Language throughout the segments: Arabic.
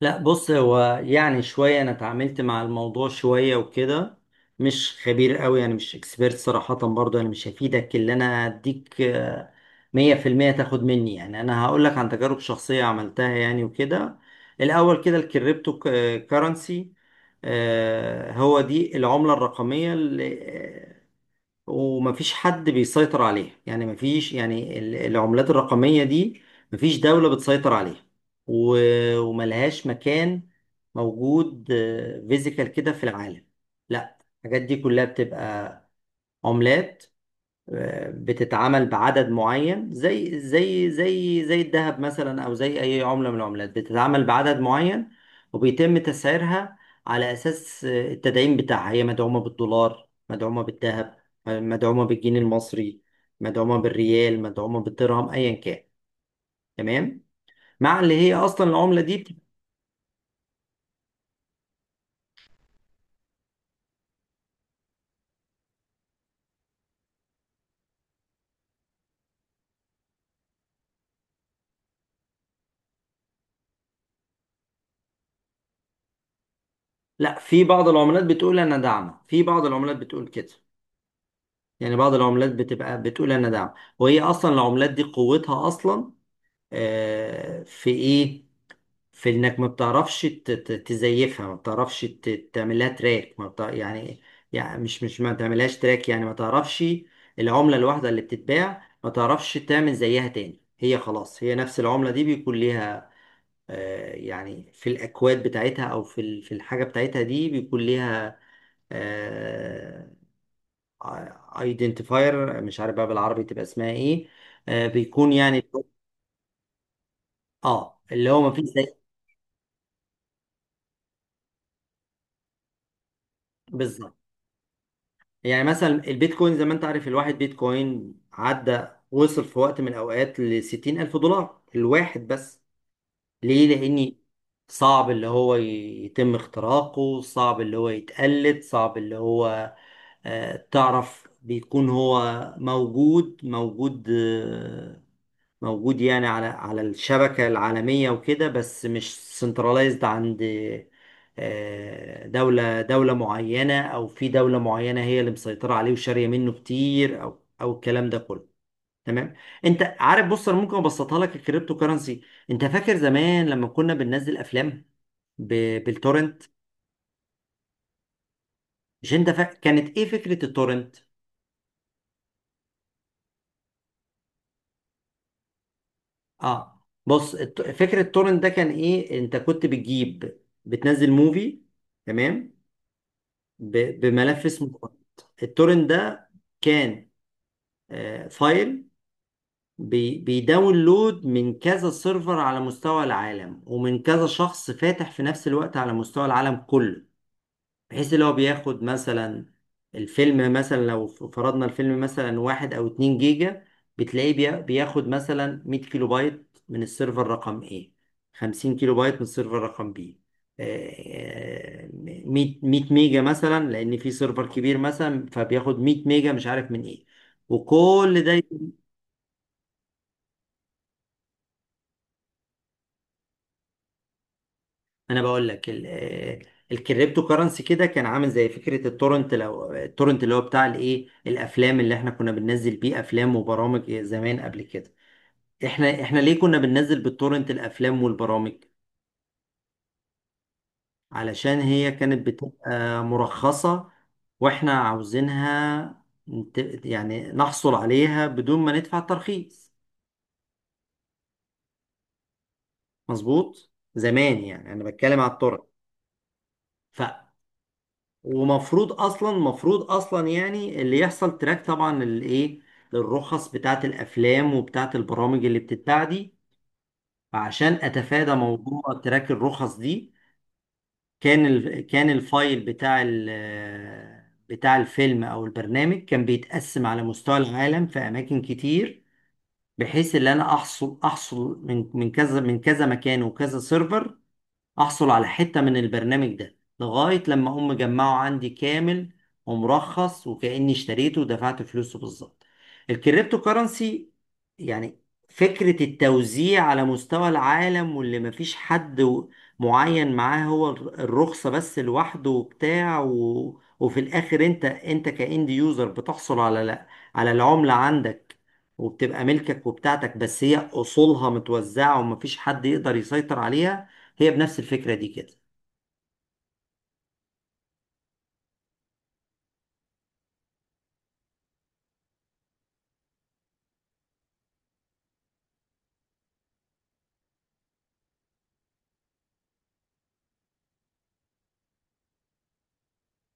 لا، بص، هو يعني شوية أنا اتعاملت مع الموضوع شوية وكده. مش خبير قوي، يعني مش اكسبيرت صراحة. برضه أنا مش هفيدك اللي أنا أديك 100% تاخد مني، يعني أنا هقولك عن تجارب شخصية عملتها يعني وكده. الأول كده الكريبتو كارنسي هو دي العملة الرقمية، ومفيش حد بيسيطر عليها. يعني مفيش، يعني العملات الرقمية دي مفيش دولة بتسيطر عليها، وملهاش مكان موجود فيزيكال كده في العالم. لا، الحاجات دي كلها بتبقى عملات بتتعمل بعدد معين، زي الذهب مثلا، او زي اي عملة من العملات بتتعمل بعدد معين، وبيتم تسعيرها على اساس التدعيم بتاعها. هي مدعومة بالدولار، مدعومة بالذهب، مدعومة بالجنيه المصري، مدعومة بالريال، مدعومة بالدرهم، ايا كان. تمام. مع اللي هي اصلا العملة دي لا، في بعض العملات بتقول انا داعمة، في بعض العملات بتقول كده يعني. بعض العملات بتبقى بتقول انا داعمة، وهي اصلا العملات دي قوتها اصلا في ايه؟ في انك ما بتعرفش تزيفها، ما بتعرفش تعملها تراك، ما بتع... يعني، يعني مش ما تعملهاش تراك، يعني ما تعرفش. العملة الواحدة اللي بتتباع ما تعرفش تعمل زيها تاني، هي خلاص هي نفس العملة دي بيكون ليها يعني في الأكواد بتاعتها، أو في في الحاجة بتاعتها دي بيكون ليها ايدنتيفاير. مش عارف بقى بالعربي تبقى اسمها ايه. بيكون يعني اه اللي هو ما فيش زي. بالظبط. يعني مثلا البيتكوين، زي ما انت عارف، الواحد بيتكوين عدى وصل في وقت من الأوقات لستين ألف دولار الواحد بس. ليه؟ لأني صعب اللي هو يتم اختراقه، صعب اللي هو يتقلد، صعب اللي هو تعرف، بيكون هو موجود. موجود يعني على الشبكة العالمية وكده، بس مش سنتراليزد عند دولة معينة، أو في دولة معينة هي اللي مسيطرة عليه وشارية منه كتير، أو الكلام ده كله. تمام. أنت عارف بص، أنا ممكن أبسطها لك الكريبتو كرنسي. أنت فاكر زمان لما كنا بننزل أفلام بالتورنت؟ مش أنت فا... كانت إيه فكرة التورنت؟ أه، بص، فكرة التورنت ده كان إيه، أنت كنت بتجيب، بتنزل موفي، تمام، بملف اسمه تورنت. التورنت ده كان فايل بيداونلود من كذا سيرفر على مستوى العالم، ومن كذا شخص فاتح في نفس الوقت على مستوى العالم كله، بحيث اللي هو بياخد مثلا الفيلم. مثلا لو فرضنا الفيلم مثلا واحد او اتنين جيجا، بتلاقيه بياخد مثلا 100 كيلو بايت من السيرفر رقم ايه، 50 كيلو بايت من السيرفر رقم بي، مية، 100 ميجا مثلا، لان في سيرفر كبير مثلا، فبياخد 100 ميجا مش عارف من ايه، وكل ده. انا بقول لك الكريبتو كرنسي كده كان عامل زي فكره التورنت. لو التورنت اللي هو بتاع الايه، الافلام اللي احنا كنا بننزل بيه افلام وبرامج زمان قبل كده، احنا ليه كنا بننزل بالتورنت الافلام والبرامج؟ علشان هي كانت بتبقى مرخصه، واحنا عاوزينها يعني نحصل عليها بدون ما ندفع ترخيص. مظبوط. زمان يعني، انا بتكلم على التورنت. ومفروض اصلا، مفروض اصلا يعني اللي يحصل تراك طبعا للايه، للرخص بتاعت الافلام وبتاعت البرامج اللي بتتباع دي. فعشان اتفادى موضوع تراك الرخص دي، كان الفايل بتاع الفيلم او البرنامج كان بيتقسم على مستوى العالم في اماكن كتير، بحيث ان انا احصل، احصل من كذا من كذا مكان وكذا سيرفر، احصل على حتة من البرنامج ده لغاية لما هم جمعوا عندي كامل ومرخص، وكأني اشتريته ودفعت فلوسه بالظبط. الكريبتو كرنسي يعني فكرة التوزيع على مستوى العالم، واللي مفيش حد معين معاه هو الرخصة بس لوحده وبتاع وفي الاخر انت كاند يوزر بتحصل على على العملة عندك، وبتبقى ملكك وبتاعتك، بس هي اصولها متوزعة ومفيش حد يقدر يسيطر عليها. هي بنفس الفكرة دي كده.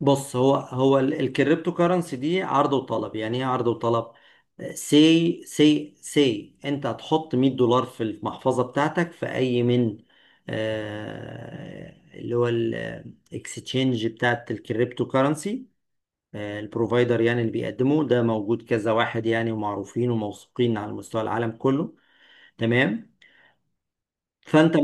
بص، الكريبتو كرنسي دي عرض وطلب. يعني ايه عرض وطلب؟ سي سي سي انت هتحط $100 في المحفظة بتاعتك في اي من اللي هو الاكستشينج بتاعت الكريبتو كرنسي. البروفايدر يعني اللي بيقدمه ده موجود كذا واحد يعني، ومعروفين وموثوقين على مستوى العالم كله. تمام، فانت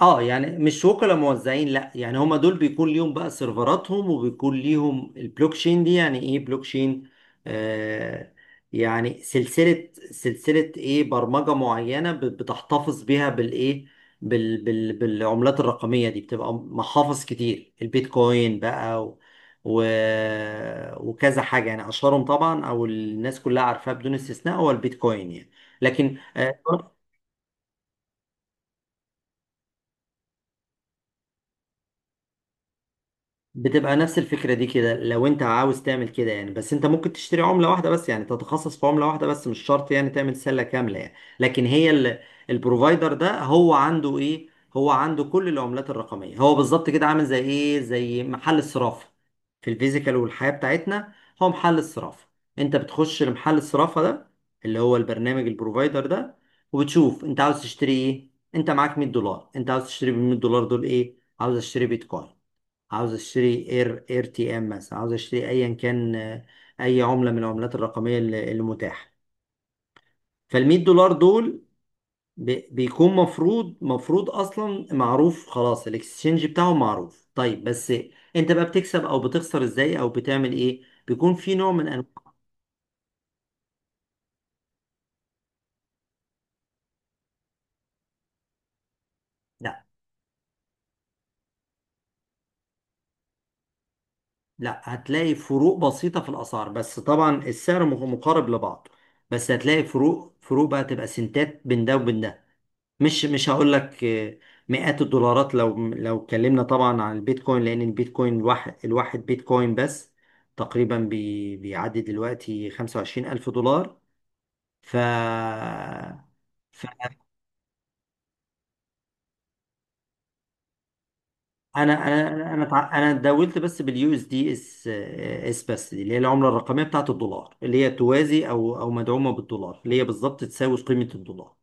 اه، يعني مش وكلاء موزعين لا، يعني هما دول بيكون ليهم بقى سيرفراتهم، وبيكون ليهم البلوك تشين دي. يعني ايه بلوك تشين؟ آه، يعني سلسلة، سلسلة ايه، برمجة معينة بتحتفظ بيها بالايه، بالعملات الرقمية دي. بتبقى محافظ كتير، البيتكوين بقى و و وكذا حاجة يعني. أشهرهم طبعا، أو الناس كلها عارفاها بدون استثناء، هو البيتكوين يعني. لكن بتبقى نفس الفكرة دي كده، لو انت عاوز تعمل كده يعني. بس انت ممكن تشتري عملة واحدة بس، يعني تتخصص في عملة واحدة بس، مش شرط يعني تعمل سلة كاملة يعني. لكن هي البروفايدر ده هو عنده ايه؟ هو عنده كل العملات الرقمية. هو بالظبط كده عامل زي ايه، زي محل الصرافة في الفيزيكال والحياة بتاعتنا. هو محل الصرافة، انت بتخش لمحل الصرافة ده، اللي هو البرنامج البروفايدر ده، وبتشوف انت عاوز تشتري ايه. انت معاك $100، انت عاوز تشتري ب $100 دول ايه؟ عاوز اشتري بيتكوين، عاوز اشتري اير تي ام مثلا، عاوز اشتري ايا كان، اي عمله من العملات الرقميه اللي متاحه. فال $100 دول بيكون مفروض، مفروض اصلا معروف خلاص، الاكسشينج بتاعهم معروف. طيب، بس انت بقى بتكسب او بتخسر ازاي، او بتعمل ايه؟ بيكون في نوع من انواع... لا لا هتلاقي فروق بسيطه في الاسعار، بس طبعا السعر مقارب لبعضه. بس هتلاقي فروق بقى تبقى سنتات بين ده وبين ده. مش هقول لك مئات الدولارات، لو اتكلمنا طبعا عن البيتكوين. لان البيتكوين الواحد، بيتكوين بس تقريبا بيعدي دلوقتي 25,000 الف دولار. ف فانا، أنا اتداولت بس باليو اس دي اس بس. دي اللي هي العمله الرقميه بتاعت الدولار، اللي هي توازي او مدعومه بالدولار، اللي هي بالظبط تساوي قيمه الدولار.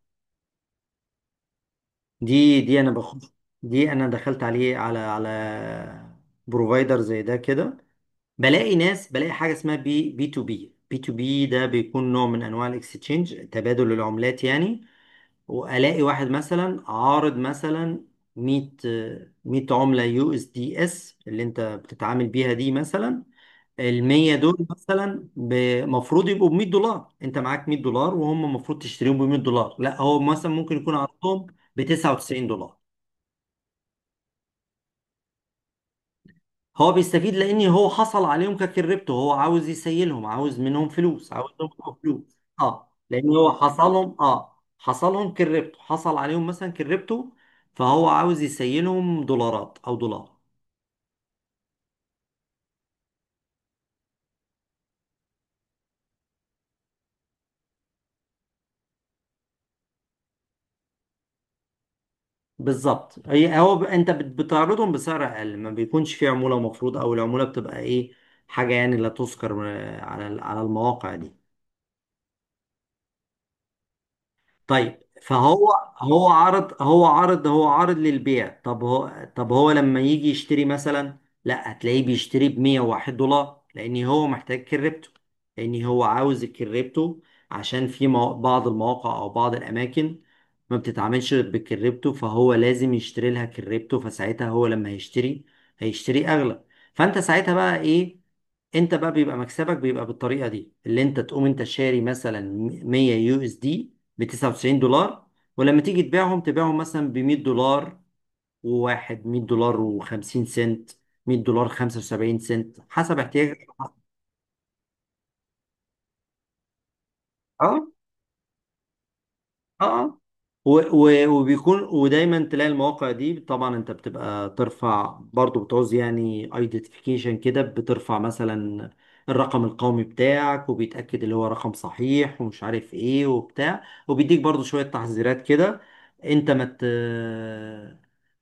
دي انا بخش، دي انا دخلت عليه على بروفايدر زي ده كده. بلاقي ناس، بلاقي حاجه اسمها بي تو بي. ده بيكون نوع من انواع الاكستشينج، تبادل العملات يعني. والاقي واحد مثلا عارض مثلا 100، 100 عمله يو اس دي اس اللي انت بتتعامل بيها دي. مثلا ال 100 دول مثلا المفروض يبقوا ب $100، انت معاك $100 وهم المفروض تشتريهم ب $100، لا هو مثلا ممكن يكون عرضهم ب $99. هو بيستفيد لان هو حصل عليهم ككريبتو، هو عاوز يسيلهم، عاوز منهم فلوس، عاوز منهم فلوس اه، لان هو حصلهم اه حصلهم كريبتو، حصل عليهم مثلا كريبتو. فهو عاوز يسيلهم دولارات او دولار. بالظبط. هي هو انت بتعرضهم بسعر اقل، ما بيكونش فيه عمولة مفروض، او العمولة بتبقى ايه، حاجة يعني لا تذكر على على المواقع دي. طيب، فهو هو عرض للبيع. طب هو، لما يجي يشتري مثلا، لا هتلاقيه بيشتري ب $101، لان هو محتاج كريبتو، لان هو عاوز الكريبتو. عشان في بعض المواقع او بعض الاماكن ما بتتعاملش بالكريبتو، فهو لازم يشتري لها كريبتو. فساعتها هو لما هيشتري، هيشتري اغلى. فانت ساعتها بقى ايه؟ انت بقى بيبقى مكسبك بيبقى بالطريقه دي، اللي انت تقوم انت شاري مثلا 100 يو اس دي ب $99، ولما تيجي تبيعهم تبيعهم مثلا ب $100، وواحد $100 و50 سنت، $100 75 سنت، حسب احتياجك. اه. اه، و و وبيكون، ودايما تلاقي المواقع دي طبعا، انت بتبقى ترفع برضو، بتعوز يعني ايدنتيفيكيشن كده، بترفع مثلا الرقم القومي بتاعك وبيتأكد اللي هو رقم صحيح ومش عارف ايه وبتاع، وبيديك برضو شوية تحذيرات كده. انت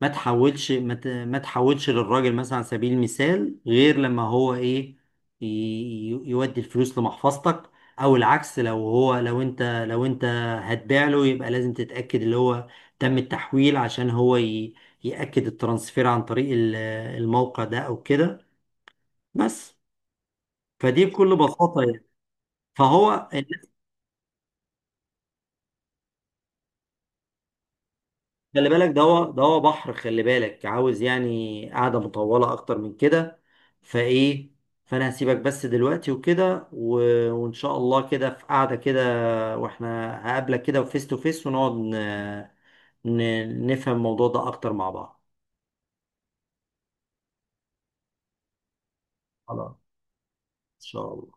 ما تحولش للراجل مثلا على سبيل المثال، غير لما هو ايه يودي الفلوس لمحفظتك. او العكس، لو هو، لو انت هتبيع له يبقى لازم تتأكد اللي هو تم التحويل، عشان هو يأكد الترانسفير عن طريق الموقع ده أو كده. بس، فدي بكل بساطة يعني. فهو الناس... خلي بالك، ده هو بحر. خلي بالك، عاوز يعني قعدة مطولة أكتر من كده. فإيه، فأنا هسيبك بس دلوقتي وكده وإن شاء الله كده في قعدة كده، وإحنا هقابلك كده وفيس تو فيس، ونقعد نفهم الموضوع ده أكتر مع بعض. خلاص إن شاء الله